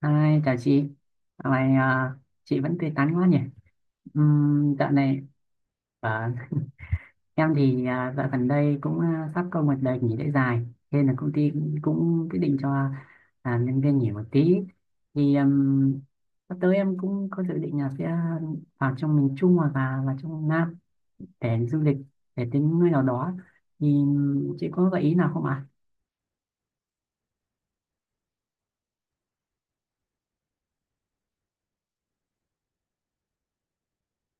Hai, chào chị. Dạo này chị vẫn tươi tắn quá nhỉ? Dạo này à, em thì dạo gần đây cũng sắp có một đợt nghỉ lễ dài, nên là công ty cũng quyết định cho nhân viên nghỉ một tí. Thì sắp tới em cũng có dự định là sẽ vào trong miền Trung hoặc là vào trong Nam để du lịch, để tính nơi nào đó. Thì chị có gợi ý nào không ạ?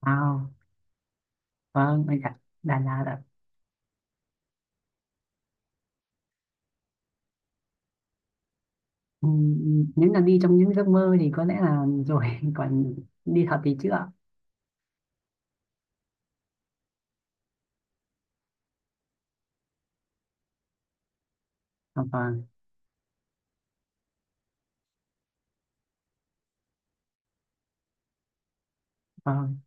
Wow, vâng, anh ạ. Đà Lạt ạ. Ừ, nếu là đi trong những giấc mơ thì có lẽ là rồi còn đi thật thì chưa à, vâng vâng,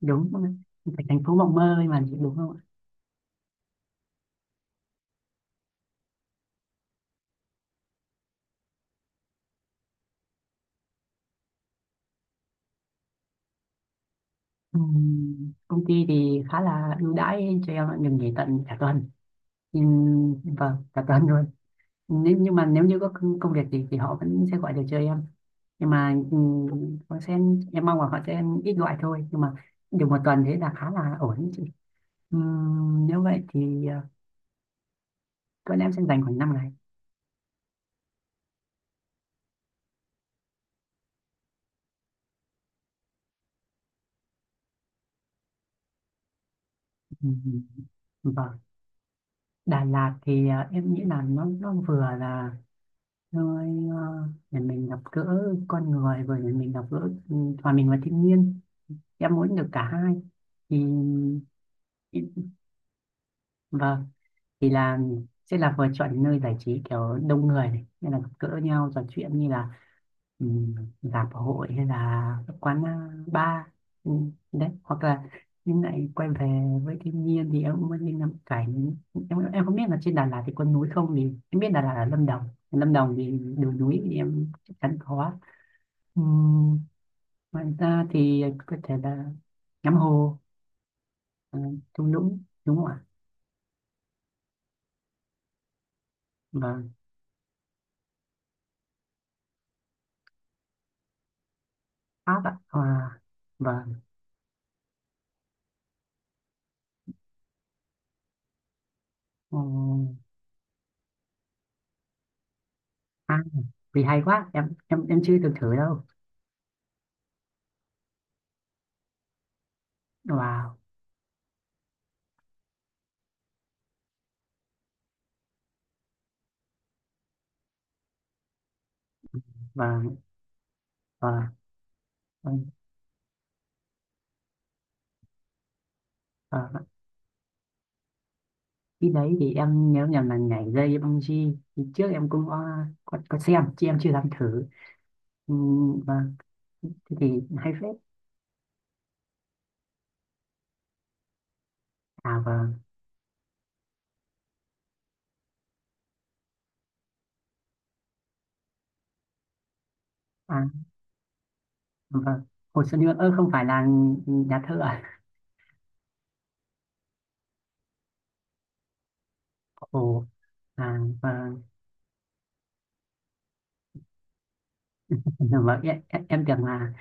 đúng, phải thành phố mộng mơ mà đúng không ạ. Ừ, công ty thì khá là ưu đãi cho em ạ, được nghỉ tận cả tuần. Ừ, vâng, cả tuần luôn. Nếu nhưng mà nếu như có công công việc gì thì họ vẫn sẽ gọi được cho em, nhưng mà ừ, họ sẽ, em mong là họ sẽ ít gọi thôi, nhưng mà được một tuần thế là khá là ổn đấy chị. Ừ, nếu vậy thì ờ, tuần em sẽ dành khoảng 5 ngày. Ừ. Vâng, Đà Lạt thì à, em nghĩ là nó vừa là nơi à, để mình gặp gỡ con người, vừa để mình gặp gỡ ừ, hòa mình và thiên nhiên, em muốn được cả hai thì thì- vâng, thì là sẽ là vừa chọn nơi giải trí kiểu đông người này nên là gặp gỡ nhau trò chuyện, như là ừ, rạp hội hay là các quán bar ừ, đấy, hoặc là nhưng lại quay về với thiên nhiên thì em cũng muốn đi ngắm cảnh. Em không biết là trên Đà Lạt thì có núi không, thì em biết Đà Lạt là Lâm Đồng, Lâm Đồng thì đường núi thì em chắc chắn có. Ừ, ngoài ra thì có thể là ngắm hồ, ờ, thung lũng, đúng không ạ. Vâng, Pháp ạ. Và vâng, ừ, à, vì hay quá, em chưa từng thử đâu. Wow. Vâng vâng. Ờ, cái đấy thì em nhớ nhầm là nhảy dây với bungee thì trước em cũng có xem chứ em chưa dám thử. Ừ, vâng, thế thì hay phết. À vâng. À vâng, Hồ Xuân Hương, ơ, không phải là nhà thơ à. Ồ, à vâng. Vâng, em tưởng là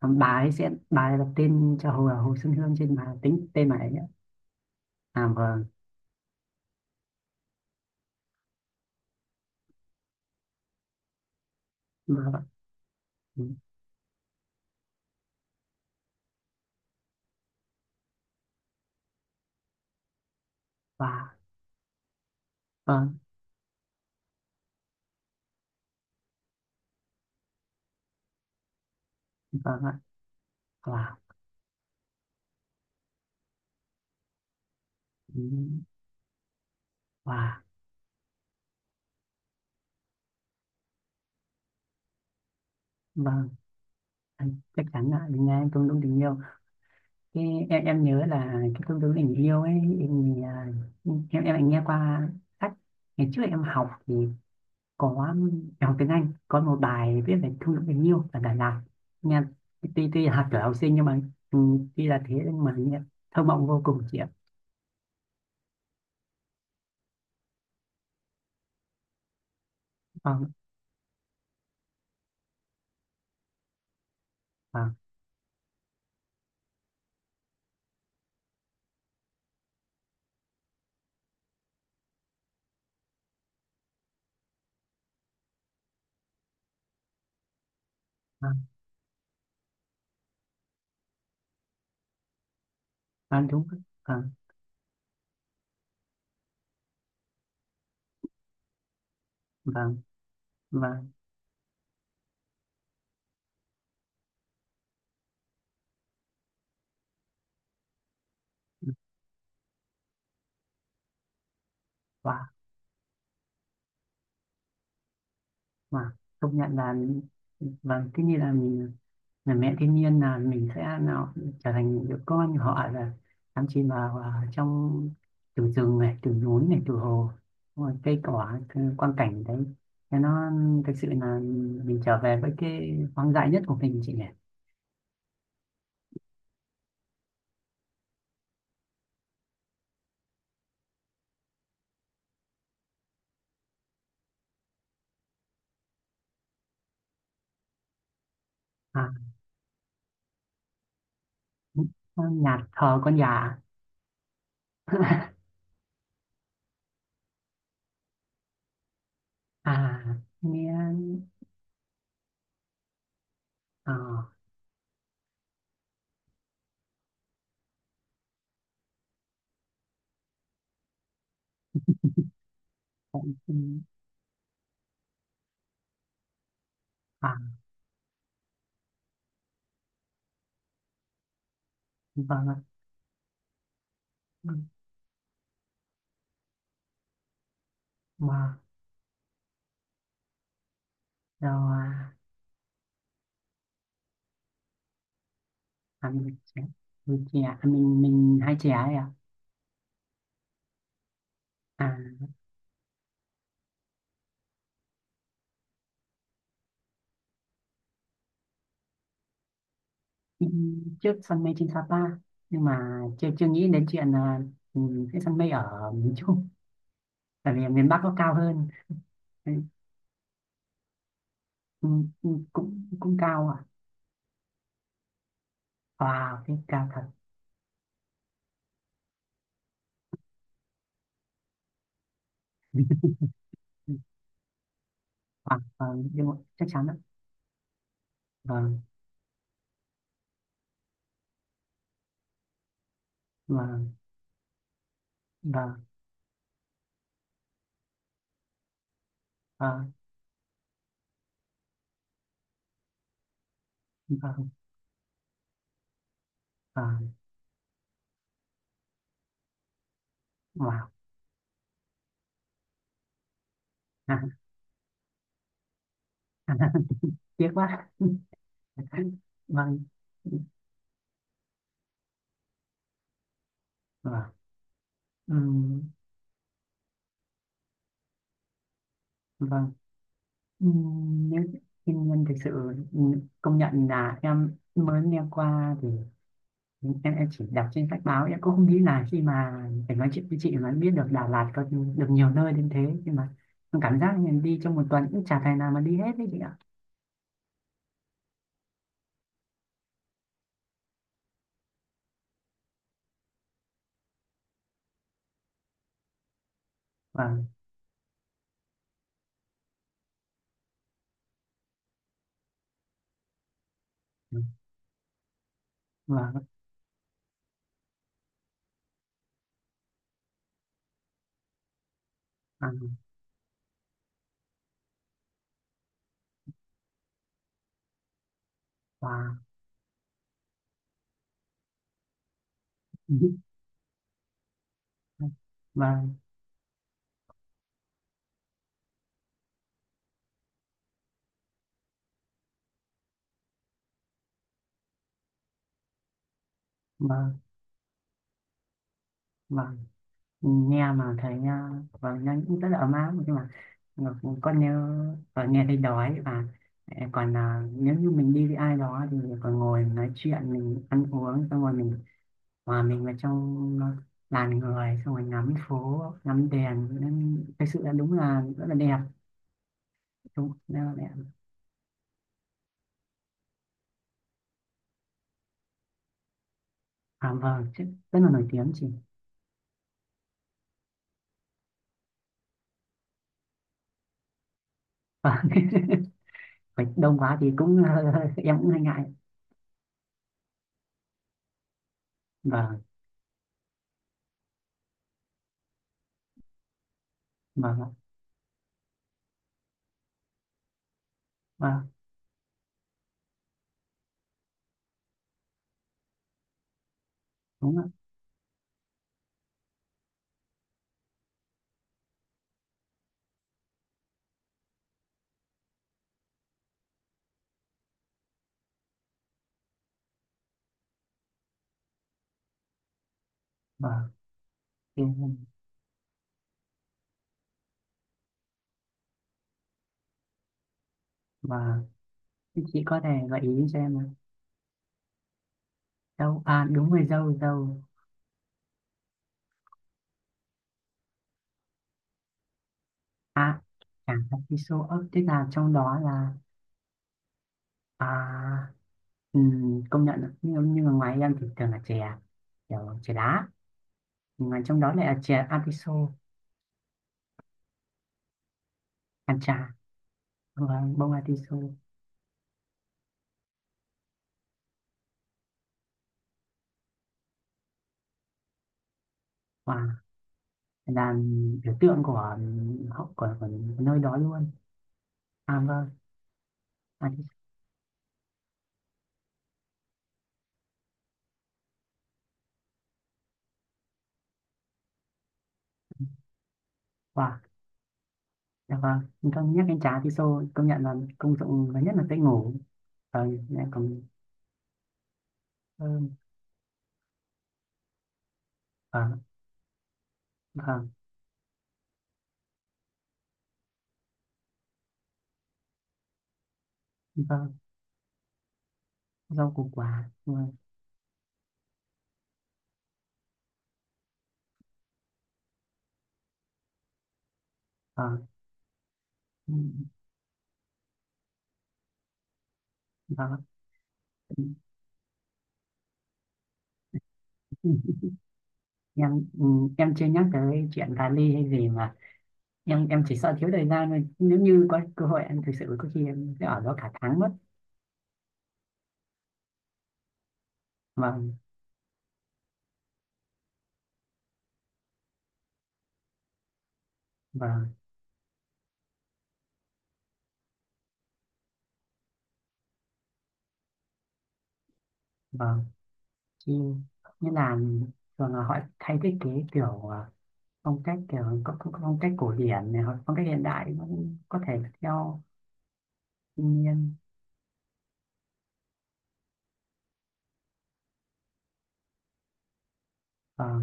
bà ấy sẽ, bà ấy đặt tên cho Hồ Xuân Hương trên bà tính tên bà ấy ạ. À vâng. Vâng ạ. Ừ, và vâng. Vâng ạ. Và ừ, và vâng, anh chắc chắn ạ là nghe em cũng đúng tình yêu. Cái, em nhớ là cái công đối tình yêu ấy em, à, em em lại nghe qua sách ngày trước em học thì có, em học tiếng Anh có một bài viết về công thức tình yêu ở Đà Lạt, nghe tuy tuy là học tuổi học sinh nhưng mà ừ, tuy là thế nhưng mà nghe thơ mộng vô cùng chị ạ. Vâng vâng vâng vâng, đúng. Vâng vâng vâng. và và công nhận là. Vâng, cái như là mình là mẹ thiên nhiên, là mình sẽ nào trở thành những đứa con của họ, là đắm chìm vào à, trong từ rừng này, từ núi này, từ hồ. Đúng rồi, cây cỏ, cái quang cảnh đấy, thế nó thực sự là mình trở về với cái hoang dại nhất của mình chị nhỉ. À, nhà thờ con gà. À nghe. à, cũng- À vâng ạ. Ừ, mà rồi à, à, mình trẻ, mình trẻ à, mình hai trẻ ấy à. À. Ừ, trước săn mây trên Sapa, nhưng mà chưa chưa nghĩ đến chuyện là ừ, cái săn mây ở miền Trung tại vì miền Bắc nó cao hơn. Ừ, ừ, ừ, cũng cũng cao ạ. Wow, cái cao thật. Ừ. Wow, vâng, nhưng mà chắc chắn ạ. Vâng vâng vâng vâng vâng vâng. Wow. À. Tiếc quá. Vâng vâng. Ừm, vâng. Nếu thiên nhiên thực sự ừ, công nhận là em mới nghe qua thì em chỉ đọc trên sách báo, em cũng không nghĩ là khi mà phải nói chuyện với chị mà em biết được Đà Lạt có được nhiều nơi đến thế, nhưng mà em cảm giác mình đi trong một tuần cũng chả thể nào mà đi hết đấy chị ạ. Vâng vâng vâng. Và vâng vâng vâng. Nghe mà thấy à, vâng, nó cũng rất là ấm áp nhưng mà con nhớ, và nghe thấy đói. Và à, còn à, nếu như mình đi với ai đó thì còn ngồi nói chuyện, mình ăn uống xong rồi mình, mà mình vào trong làn người xong rồi ngắm phố ngắm đèn, nên thực sự là đúng là rất là đẹp, đúng, rất là đẹp. À vâng chứ, rất là nổi tiếng chị. Vâng. Phải đông quá thì cũng em cũng hơi ngại. Vâng. Vâng ạ. Vâng, đúng ạ. Vâng thì- vâng. Thế chị có thể gợi ý cho em là dâu, à đúng rồi, dâu dâu. À, chẳng hạn cái show up tức là trong đó là. À, công nhận ạ. Nhưng mà ngoài em thì thường là chè, kiểu chè đá, mà trong đó lại là chè atiso, hàn trà. Vâng, bông atiso. Và, là biểu tượng của, của nơi đó luôn. À vâng, atiso. Wow. Dạ vâng. Nhưng con nhắc đến trà atiso công nhận là công dụng lớn nhất là dễ ngủ. Vâng, lại còn thơm. Vâng vâng vâng, rau củ quả, vâng vâng, ừ, vâng. Em ừ, em chưa nhắc tới chuyện cà ly hay gì mà em chỉ sợ thiếu thời gian thôi, nếu như có cơ hội em thực sự có khi em sẽ ở đó cả tháng mất. Và và và khi như là thường là họ thay thiết kế kiểu à, phong cách kiểu có phong cách cổ điển này, hoặc phong cách hiện đại cũng có thể theo thiên nhiên. Và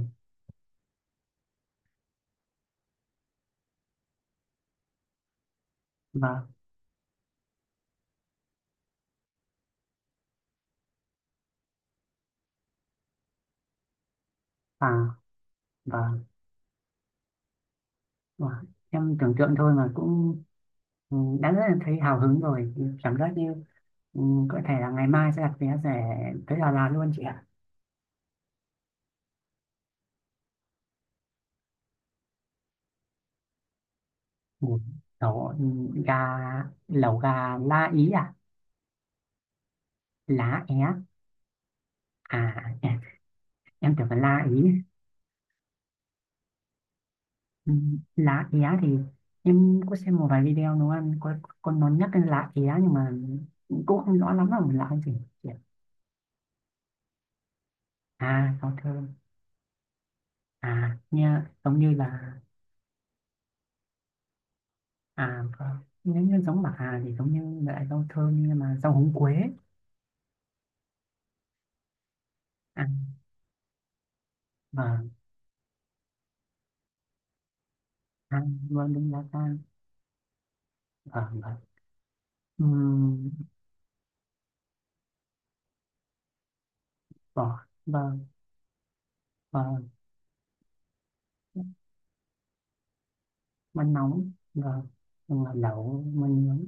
và và và, và em tưởng tượng thôi mà cũng ừ, đã rất là thấy hào hứng rồi, cảm giác như ừ, có thể là ngày mai sẽ đặt vé rẻ tới Đà Lạt luôn chị ạ. Một số gà, lẩu gà lá ý à. Lá é. À em tưởng là la ý. Ừ, lá é thì em có xem một vài video nấu ăn có con nó nhắc đến lá é nhưng mà cũng không rõ lắm là lá gì. À rau thơm, à nghe giống như là. À vâng. Nếu như giống bà Hà thì giống như loại rau thơm nhưng mà rau húng quế. À vâng, ăn, vâng, đúng lá ta. Vâng vâng. Ừm, vâng vâng vâng, mình nóng. Và nhưng mà lẩu mình nướng.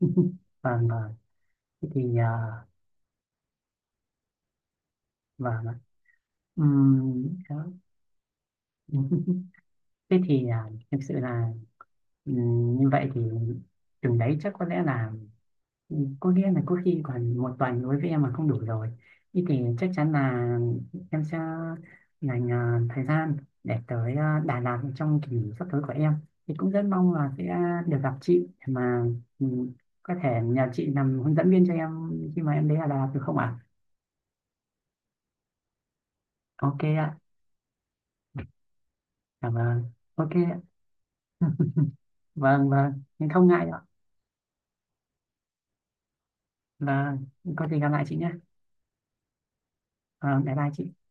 Và thế thì à, và đó. Thế thì à, thực sự là như vậy thì chừng đấy chắc có lẽ là. Ừ, có nghĩa là có khi còn một tuần đối với em mà không đủ rồi. Thế thì chắc chắn là em sẽ dành à, thời gian để tới à, Đà Lạt trong kỳ nghỉ sắp tới của em. Thì cũng rất mong là sẽ được gặp chị để mà ừ, có thể nhờ chị làm hướng dẫn viên cho em khi mà em đến Đà Lạt được không ạ? Ok ạ, cảm ơn. Ok ạ. Ừ, vâng vâng, nhưng không ngại ạ. Vâng, có gì gặp lại chị nhé. Vâng, bye bye chị.